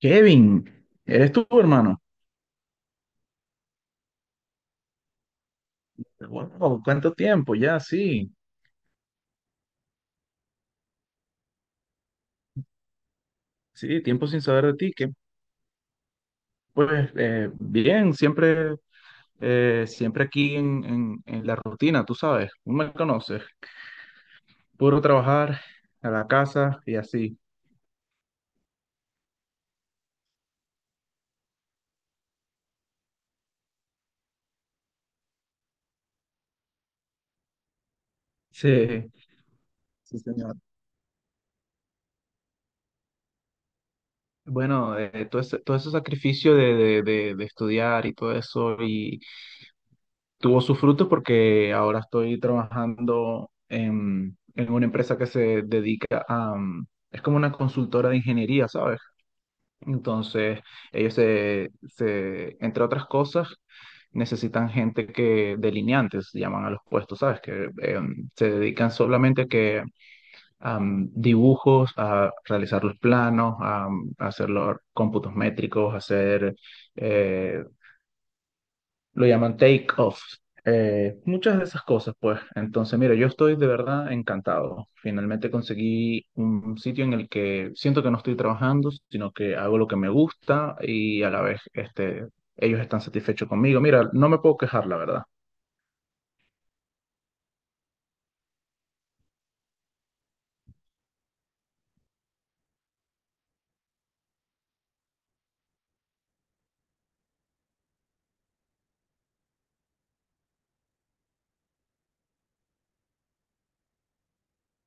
Kevin, ¿eres tú, hermano? Wow, ¿cuánto tiempo? Ya, sí, sí, tiempo sin saber de ti. Que, pues bien, siempre, siempre aquí en la rutina, tú sabes, no me conoces. Puro trabajar a la casa y así. Sí, sí, señor. Bueno, todo ese sacrificio de estudiar y todo eso tuvo sus frutos porque ahora estoy trabajando en una empresa que se dedica a... es como una consultora de ingeniería, ¿sabes? Entonces, ellos, entre otras cosas, necesitan gente que, delineantes, llaman a los puestos, ¿sabes? Que se dedican solamente a que, a dibujos, a realizar los planos, a, hacer los cómputos métricos, hacer eh, lo llaman take off. Muchas de esas cosas, pues. Entonces, mira, yo estoy de verdad encantado. Finalmente conseguí un sitio en el que siento que no estoy trabajando, sino que hago lo que me gusta y a la vez, este, ellos están satisfechos conmigo. Mira, no me puedo quejar, la verdad.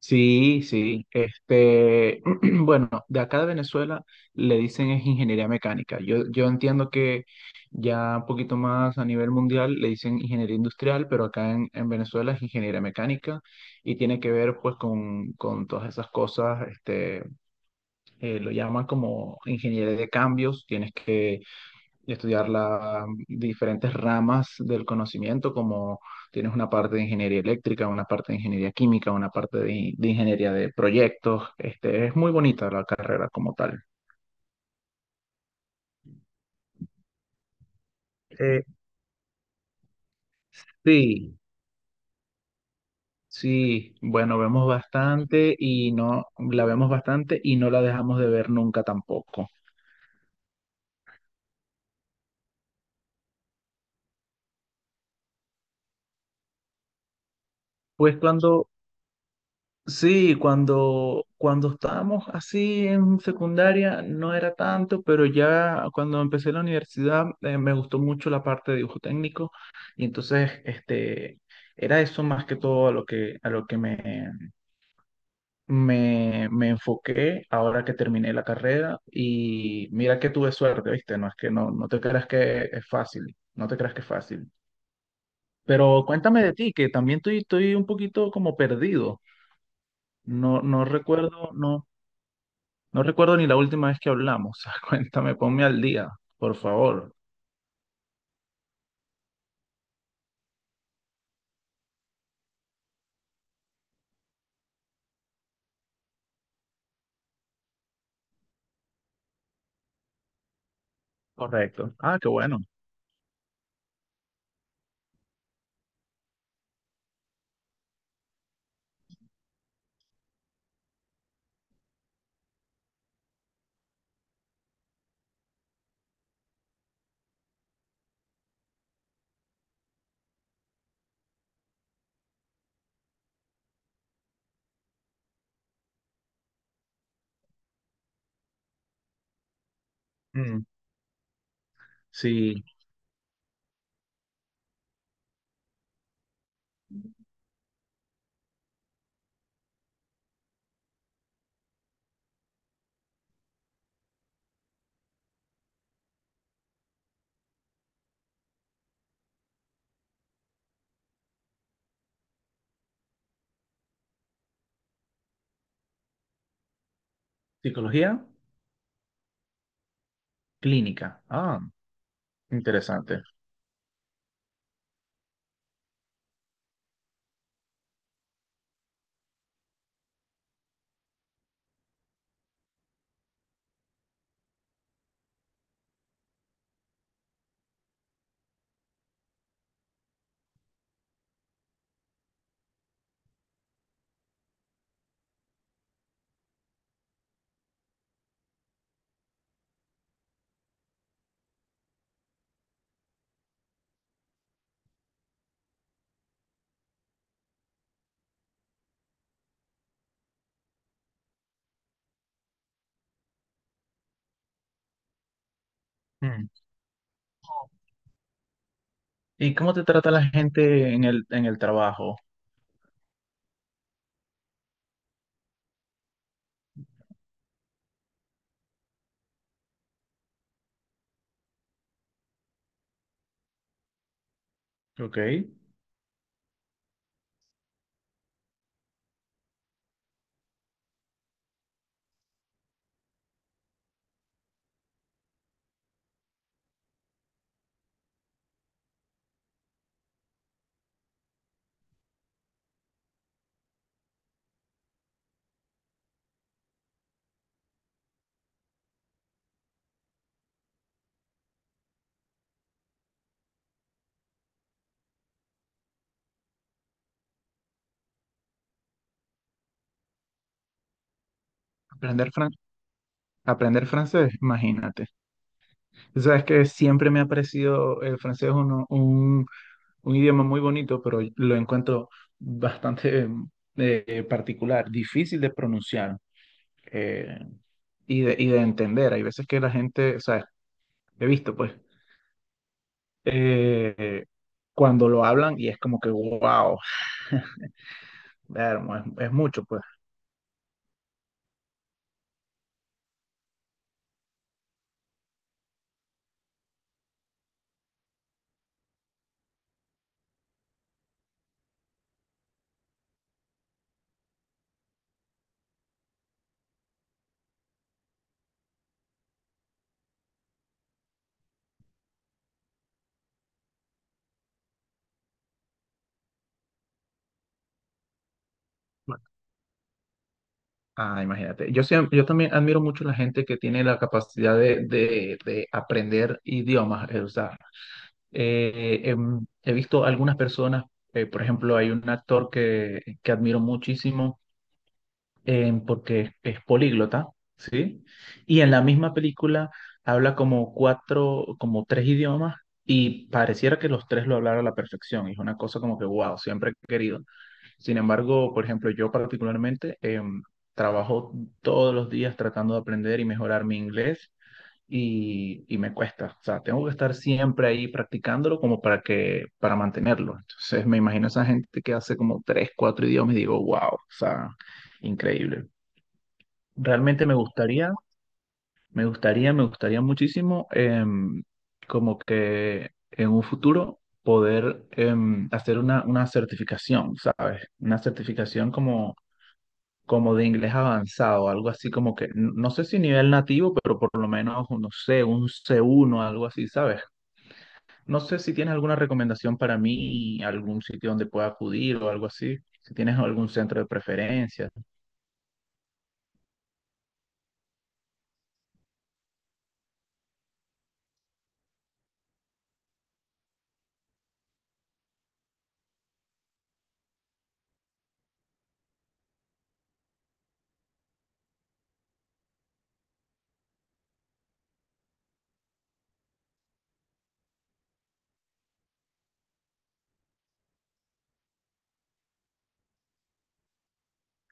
Sí, sí. Este, bueno, de acá de Venezuela le dicen es ingeniería mecánica. Yo entiendo que ya un poquito más a nivel mundial le dicen ingeniería industrial, pero acá en Venezuela es ingeniería mecánica y tiene que ver pues con todas esas cosas. Este, lo llaman como ingeniería de cambios. Tienes que y estudiar las diferentes ramas del conocimiento, como tienes una parte de ingeniería eléctrica, una parte de ingeniería química, una parte de ingeniería de proyectos. Este, es muy bonita la carrera como tal. Eh, sí, sí, bueno, vemos bastante y no, la vemos bastante y no la dejamos de ver nunca tampoco. Pues cuando Sí, cuando, cuando estábamos así en secundaria no era tanto, pero ya cuando empecé la universidad me gustó mucho la parte de dibujo técnico y entonces este, era eso más que todo a lo que me enfoqué ahora que terminé la carrera y mira que tuve suerte, ¿viste? No es que no, no te creas que es fácil, no te creas que es fácil. Pero cuéntame de ti, que también estoy un poquito como perdido. No, no recuerdo, no. No recuerdo ni la última vez que hablamos. Cuéntame, ponme al día, por favor. Correcto. Ah, qué bueno. Mm, sí, psicología clínica. Ah, interesante. Mm. ¿Y cómo te trata la gente en el trabajo? Ok. Aprender, fran- aprender francés, imagínate. Tú sabes que siempre me ha parecido el francés un idioma muy bonito, pero lo encuentro bastante particular, difícil de pronunciar. Eh, y de, y de entender. Hay veces que la gente, o sea, he visto pues, eh, cuando lo hablan y es como que, wow, vermo, es mucho pues. Ah, imagínate. Yo, siempre, yo también admiro mucho la gente que tiene la capacidad de aprender idiomas. O sea, he visto algunas personas, por ejemplo, hay un actor que admiro muchísimo porque es políglota, ¿sí? Y en la misma película habla como cuatro, como tres idiomas y pareciera que los tres lo hablara a la perfección. Y es una cosa como que, wow, siempre he querido. Sin embargo, por ejemplo, yo particularmente trabajo todos los días tratando de aprender y mejorar mi inglés. Y me cuesta, o sea, tengo que estar siempre ahí practicándolo como para que, para mantenerlo. Entonces me imagino esa gente que hace como tres, cuatro idiomas y digo, wow, o sea, increíble. Realmente me gustaría, me gustaría, me gustaría muchísimo como que en un futuro poder hacer una certificación, ¿sabes? Una certificación como, como de inglés avanzado, algo así como que, no sé si nivel nativo, pero por lo menos, no sé, un C1, algo así, ¿sabes? No sé si tienes alguna recomendación para mí, algún sitio donde pueda acudir o algo así, si tienes algún centro de preferencia.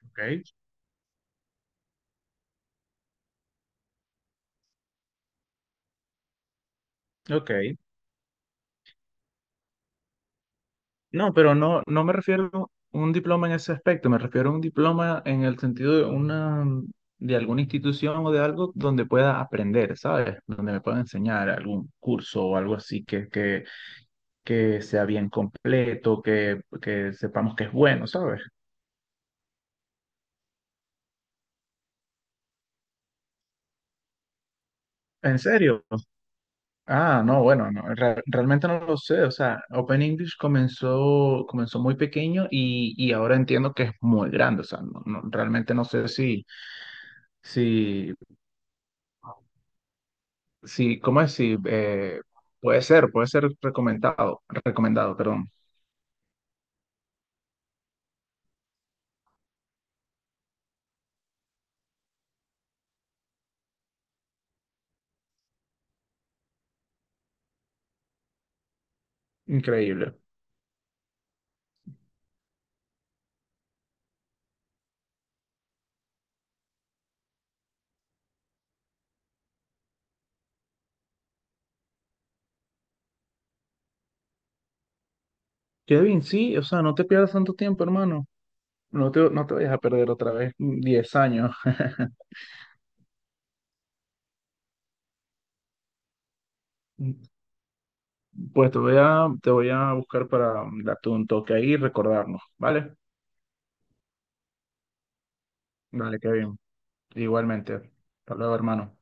Ok, ok. No, pero no, no me refiero a un diploma en ese aspecto, me refiero a un diploma en el sentido de una, de alguna institución o de algo donde pueda aprender, ¿sabes? Donde me pueda enseñar algún curso o algo así que sea bien completo, que sepamos que es bueno, ¿sabes? ¿En serio? Ah, no, bueno, no, realmente no lo sé. O sea, Open English comenzó, comenzó muy pequeño y ahora entiendo que es muy grande. O sea, no, realmente no sé si, si sí, ¿cómo es? Sí, puede ser recomendado, recomendado, perdón. Increíble. Kevin, sí, o sea, no te pierdas tanto tiempo, hermano. No te vayas a perder otra vez 10 años. Pues te voy a buscar para darte un toque ahí y recordarnos, ¿vale? Vale, Kevin. Igualmente. Hasta luego, hermano.